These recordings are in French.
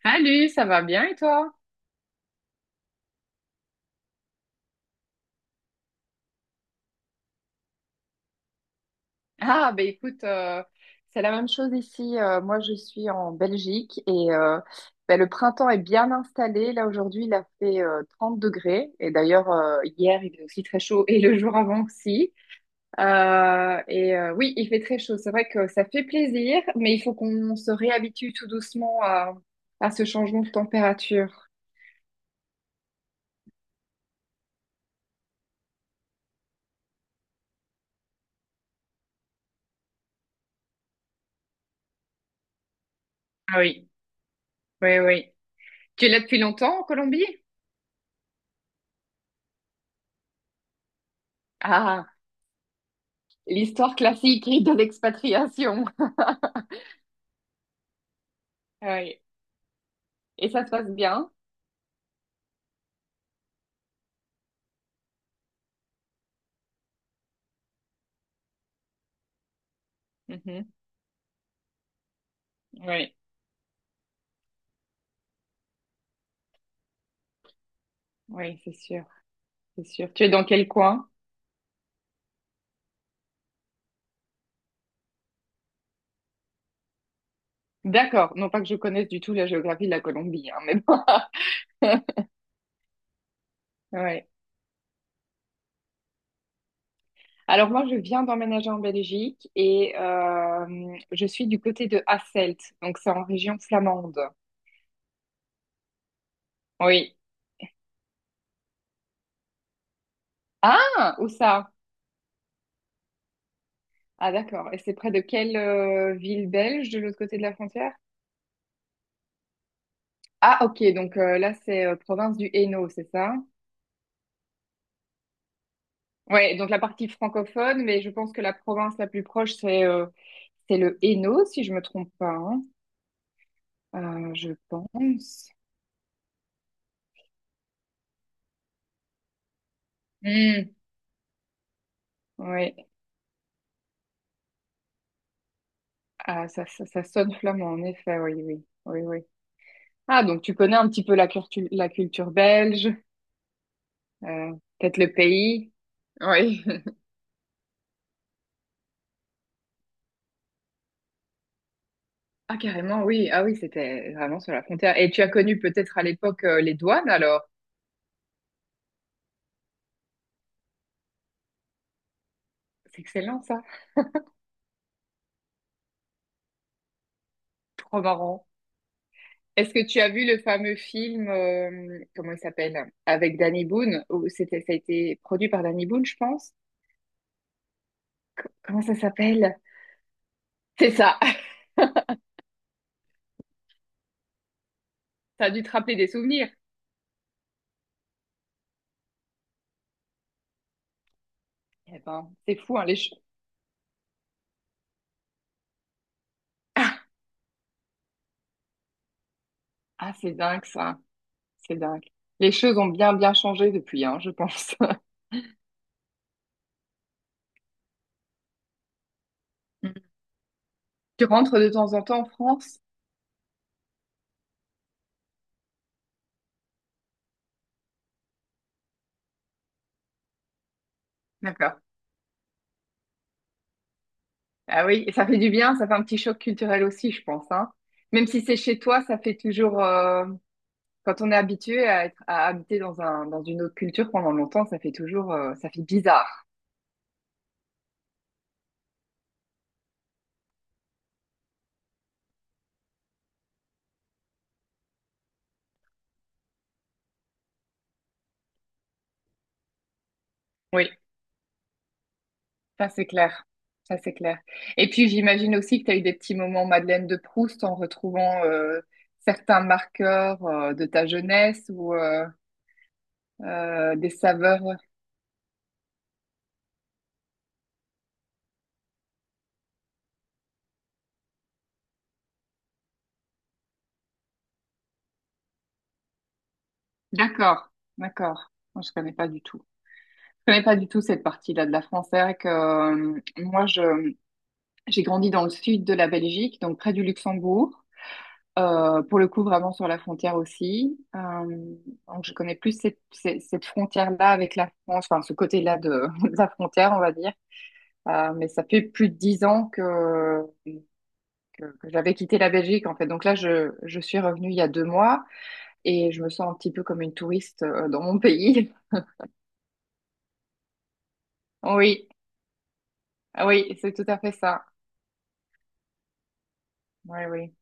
Salut, ça va bien et toi? Ah, ben écoute, c'est la même chose ici. Moi, je suis en Belgique et ben, le printemps est bien installé. Là, aujourd'hui, il a fait 30 degrés. Et d'ailleurs, hier, il est aussi très chaud et le jour avant aussi. Et oui, il fait très chaud. C'est vrai que ça fait plaisir, mais il faut qu'on se réhabitue tout doucement à ce changement de température. Ah oui, oui, oui. Tu es là depuis longtemps en Colombie? L'histoire classique de l'expatriation. Oui. Et ça se passe bien. Mhm. Oui, oui, c'est sûr, c'est sûr. Tu es dans quel coin? D'accord, non pas que je connaisse du tout la géographie de la Colombie, hein, mais bon. Ouais. Alors moi, je viens d'emménager en Belgique et je suis du côté de Hasselt, donc c'est en région flamande. Oui. Ah, où ça? Ah, d'accord. Et c'est près de quelle ville belge de l'autre côté de la frontière? Ah, ok, donc là, c'est province du Hainaut, c'est ça? Ouais, donc la partie francophone, mais je pense que la province la plus proche, c'est le Hainaut, si je me trompe pas, hein. Je pense. Hmm, ouais, ah, ça sonne flamand, en effet, oui, oui, oui, oui. Ah, donc tu connais un petit peu la culture belge, euh, peut-être le pays. Oui. Ah, carrément, oui. Ah oui, c'était vraiment sur la frontière. Et tu as connu peut-être à l'époque les douanes, alors. C'est excellent, ça. Trop marrant. Est-ce que tu as vu le fameux film, comment il s'appelle, avec Danny Boone, où c'était, ça a été produit par Danny Boone, je pense. Comment ça s'appelle? C'est ça. Ça a dû te rappeler des souvenirs. Eh ben, c'est fou, hein, les choses. Ah, ah, c'est dingue, ça. C'est dingue. Les choses ont bien, bien changé depuis, hein, je pense. Mm. Tu rentres de temps en temps en France? D'accord. Ah oui, et ça fait du bien, ça fait un petit choc culturel aussi, je pense, hein. Même si c'est chez toi, ça fait toujours. Quand on est habitué à être, à habiter dans un, dans une autre culture pendant longtemps, ça fait toujours, ça fait bizarre. Oui, ça c'est clair. Ça c'est clair. Et puis j'imagine aussi que tu as eu des petits moments Madeleine de Proust en retrouvant certains marqueurs de ta jeunesse ou des saveurs. D'accord, d'accord. Moi, je connais pas du tout. Je connais pas du tout cette partie-là de la France. C'est vrai que moi, j'ai grandi dans le sud de la Belgique, donc près du Luxembourg. Pour le coup, vraiment sur la frontière aussi. Donc, je connais plus cette frontière-là avec la France, enfin, ce côté-là de, de la frontière, on va dire. Mais ça fait plus de 10 ans que j'avais quitté la Belgique, en fait. Donc là, je suis revenue il y a 2 mois et je me sens un petit peu comme une touriste dans mon pays. Oui, ah oui, c'est tout à fait ça. Oui, oui.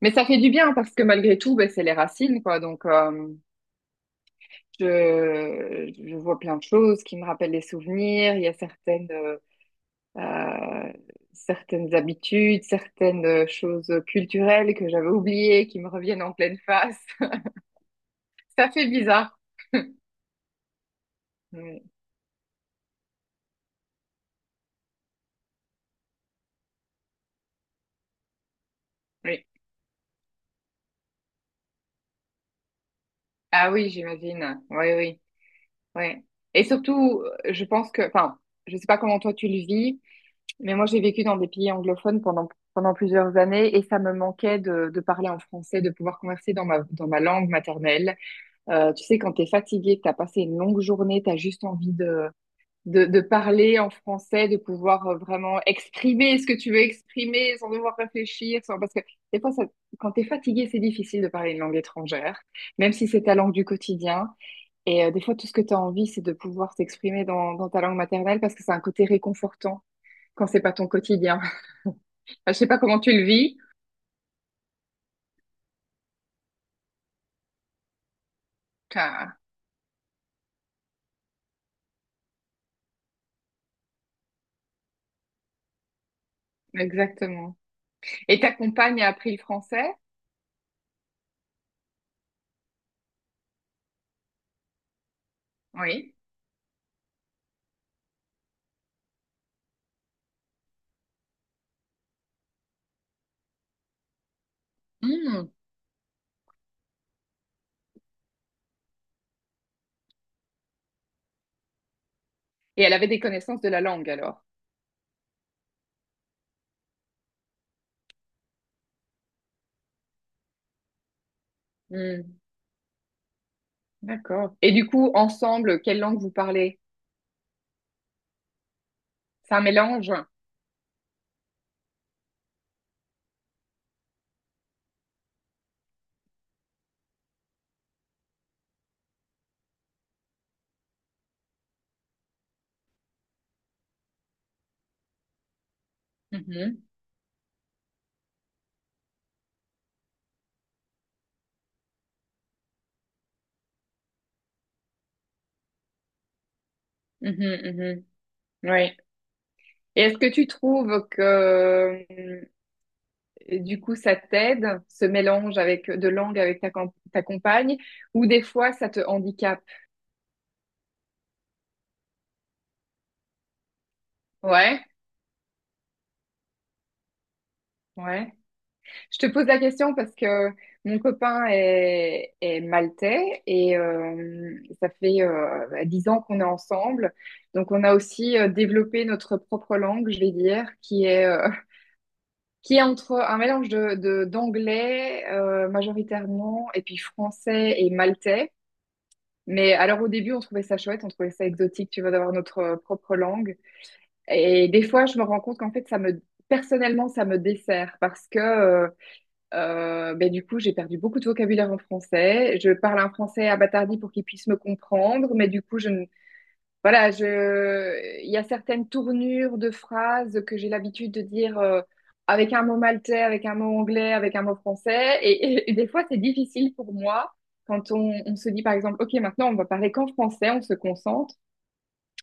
Mais ça fait du bien parce que malgré tout, ben, c'est les racines, quoi. Donc, je vois plein de choses qui me rappellent les souvenirs. Il y a euh, certaines habitudes, certaines choses culturelles que j'avais oubliées qui me reviennent en pleine face. Ça fait bizarre. Oui. Oui. Ah oui, j'imagine. Oui, oui, oui. Et surtout, je pense que, enfin, je sais pas comment toi tu le vis, mais moi j'ai vécu dans des pays anglophones pendant plusieurs années et ça me manquait de parler en français, de pouvoir converser dans ma langue maternelle. Tu sais, quand tu es fatigué, que tu as passé une longue journée, tu as juste envie de parler en français, de pouvoir vraiment exprimer ce que tu veux exprimer sans devoir réfléchir. Sans... Parce que des fois, quand tu es fatigué, c'est difficile de parler une langue étrangère, même si c'est ta langue du quotidien. Et des fois, tout ce que tu as envie, c'est de pouvoir t'exprimer dans ta langue maternelle parce que c'est un côté réconfortant quand c'est pas ton quotidien. Je sais pas comment tu le vis. Ah, exactement. Et ta compagne a appris le français? Oui. Et elle avait des connaissances de la langue alors. Hmm, d'accord. Et du coup, ensemble, quelle langue vous parlez? C'est un mélange? Mhm, mhm, mhm. Ouais. Et est-ce que tu trouves que du coup ça t'aide, ce mélange avec de langue avec ta compagne, ou des fois ça te handicape? Ouais, ouais. Je te pose la question parce que mon copain est maltais et ça fait 10 ans qu'on est ensemble. Donc on a aussi développé notre propre langue, je vais dire, qui est, qui est entre un mélange d'anglais majoritairement et puis français et maltais. Mais alors au début, on trouvait ça chouette, on trouvait ça exotique, tu vois, d'avoir notre propre langue. Et des fois, je me rends compte qu'en fait, ça me, personnellement, ça me dessert parce que... ben, du coup, j'ai perdu beaucoup de vocabulaire en français. Je parle un français abattardi pour qu'ils puissent me comprendre, mais du coup, je ne... voilà, je... il y a certaines tournures de phrases que j'ai l'habitude de dire avec un mot maltais, avec un mot anglais, avec un mot français. Et des fois, c'est difficile pour moi quand on se dit, par exemple, OK, maintenant, on va parler qu'en français, on se concentre.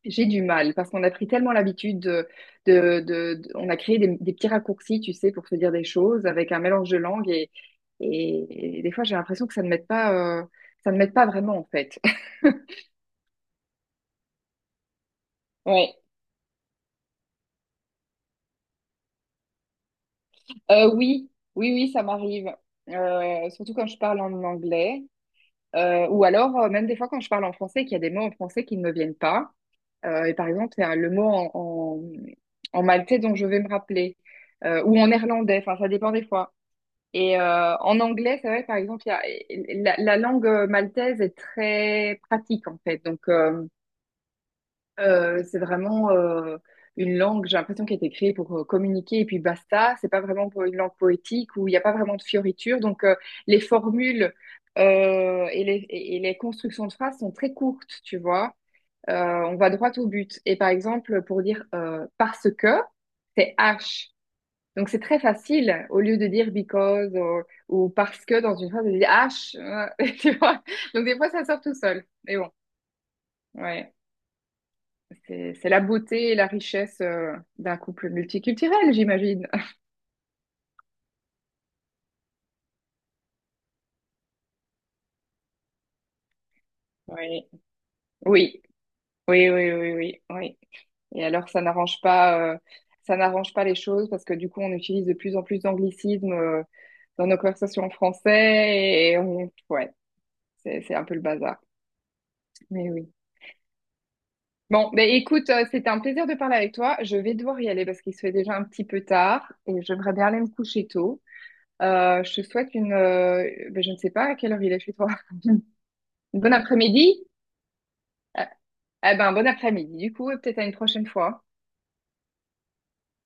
J'ai du mal parce qu'on a pris tellement l'habitude de on a créé des petits raccourcis, tu sais, pour se dire des choses avec un mélange de langues et des fois j'ai l'impression que ça ne m'aide pas, ça ne m'aide pas vraiment en fait. Ouais. Oui, oui, oui, ça m'arrive. Surtout quand je parle en anglais. Ou alors même des fois quand je parle en français, qu'il y a des mots en français qui ne me viennent pas. Et par exemple, le mot en maltais dont je vais me rappeler, ou en néerlandais, enfin, ça dépend des fois. Et en anglais, c'est vrai, par exemple, il y a, la langue maltaise est très pratique, en fait. Donc, c'est vraiment une langue, j'ai l'impression, qui a été créée pour communiquer et puis basta. C'est pas vraiment pour une langue poétique où il n'y a pas vraiment de fioritures. Donc, les formules euh, et les, et les constructions de phrases sont très courtes, tu vois. Euh, on va droit au but. Et par exemple, pour dire parce que, c'est H. Donc c'est très facile, au lieu de dire because ou parce que dans une phrase, de dire H, tu vois. Donc des fois, ça sort tout seul. Mais bon, ouais. C'est la beauté et la richesse d'un couple multiculturel, j'imagine. Oui, oui, oui, oui, oui, oui, oui. Et alors, ça n'arrange pas les choses parce que du coup, on utilise de plus en plus d'anglicismes dans nos conversations en français et ouais, c'est un peu le bazar. Mais oui. Bon, ben écoute, c'était un plaisir de parler avec toi. Je vais devoir y aller parce qu'il se fait déjà un petit peu tard et j'aimerais bien aller me coucher tôt. Je te souhaite ben, je ne sais pas à quelle heure il est chez toi. Une bonne après-midi? Euh, Eh ben, bon après-midi du coup et peut-être à une prochaine fois.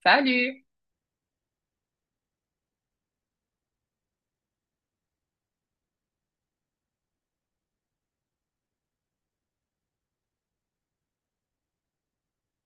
Salut!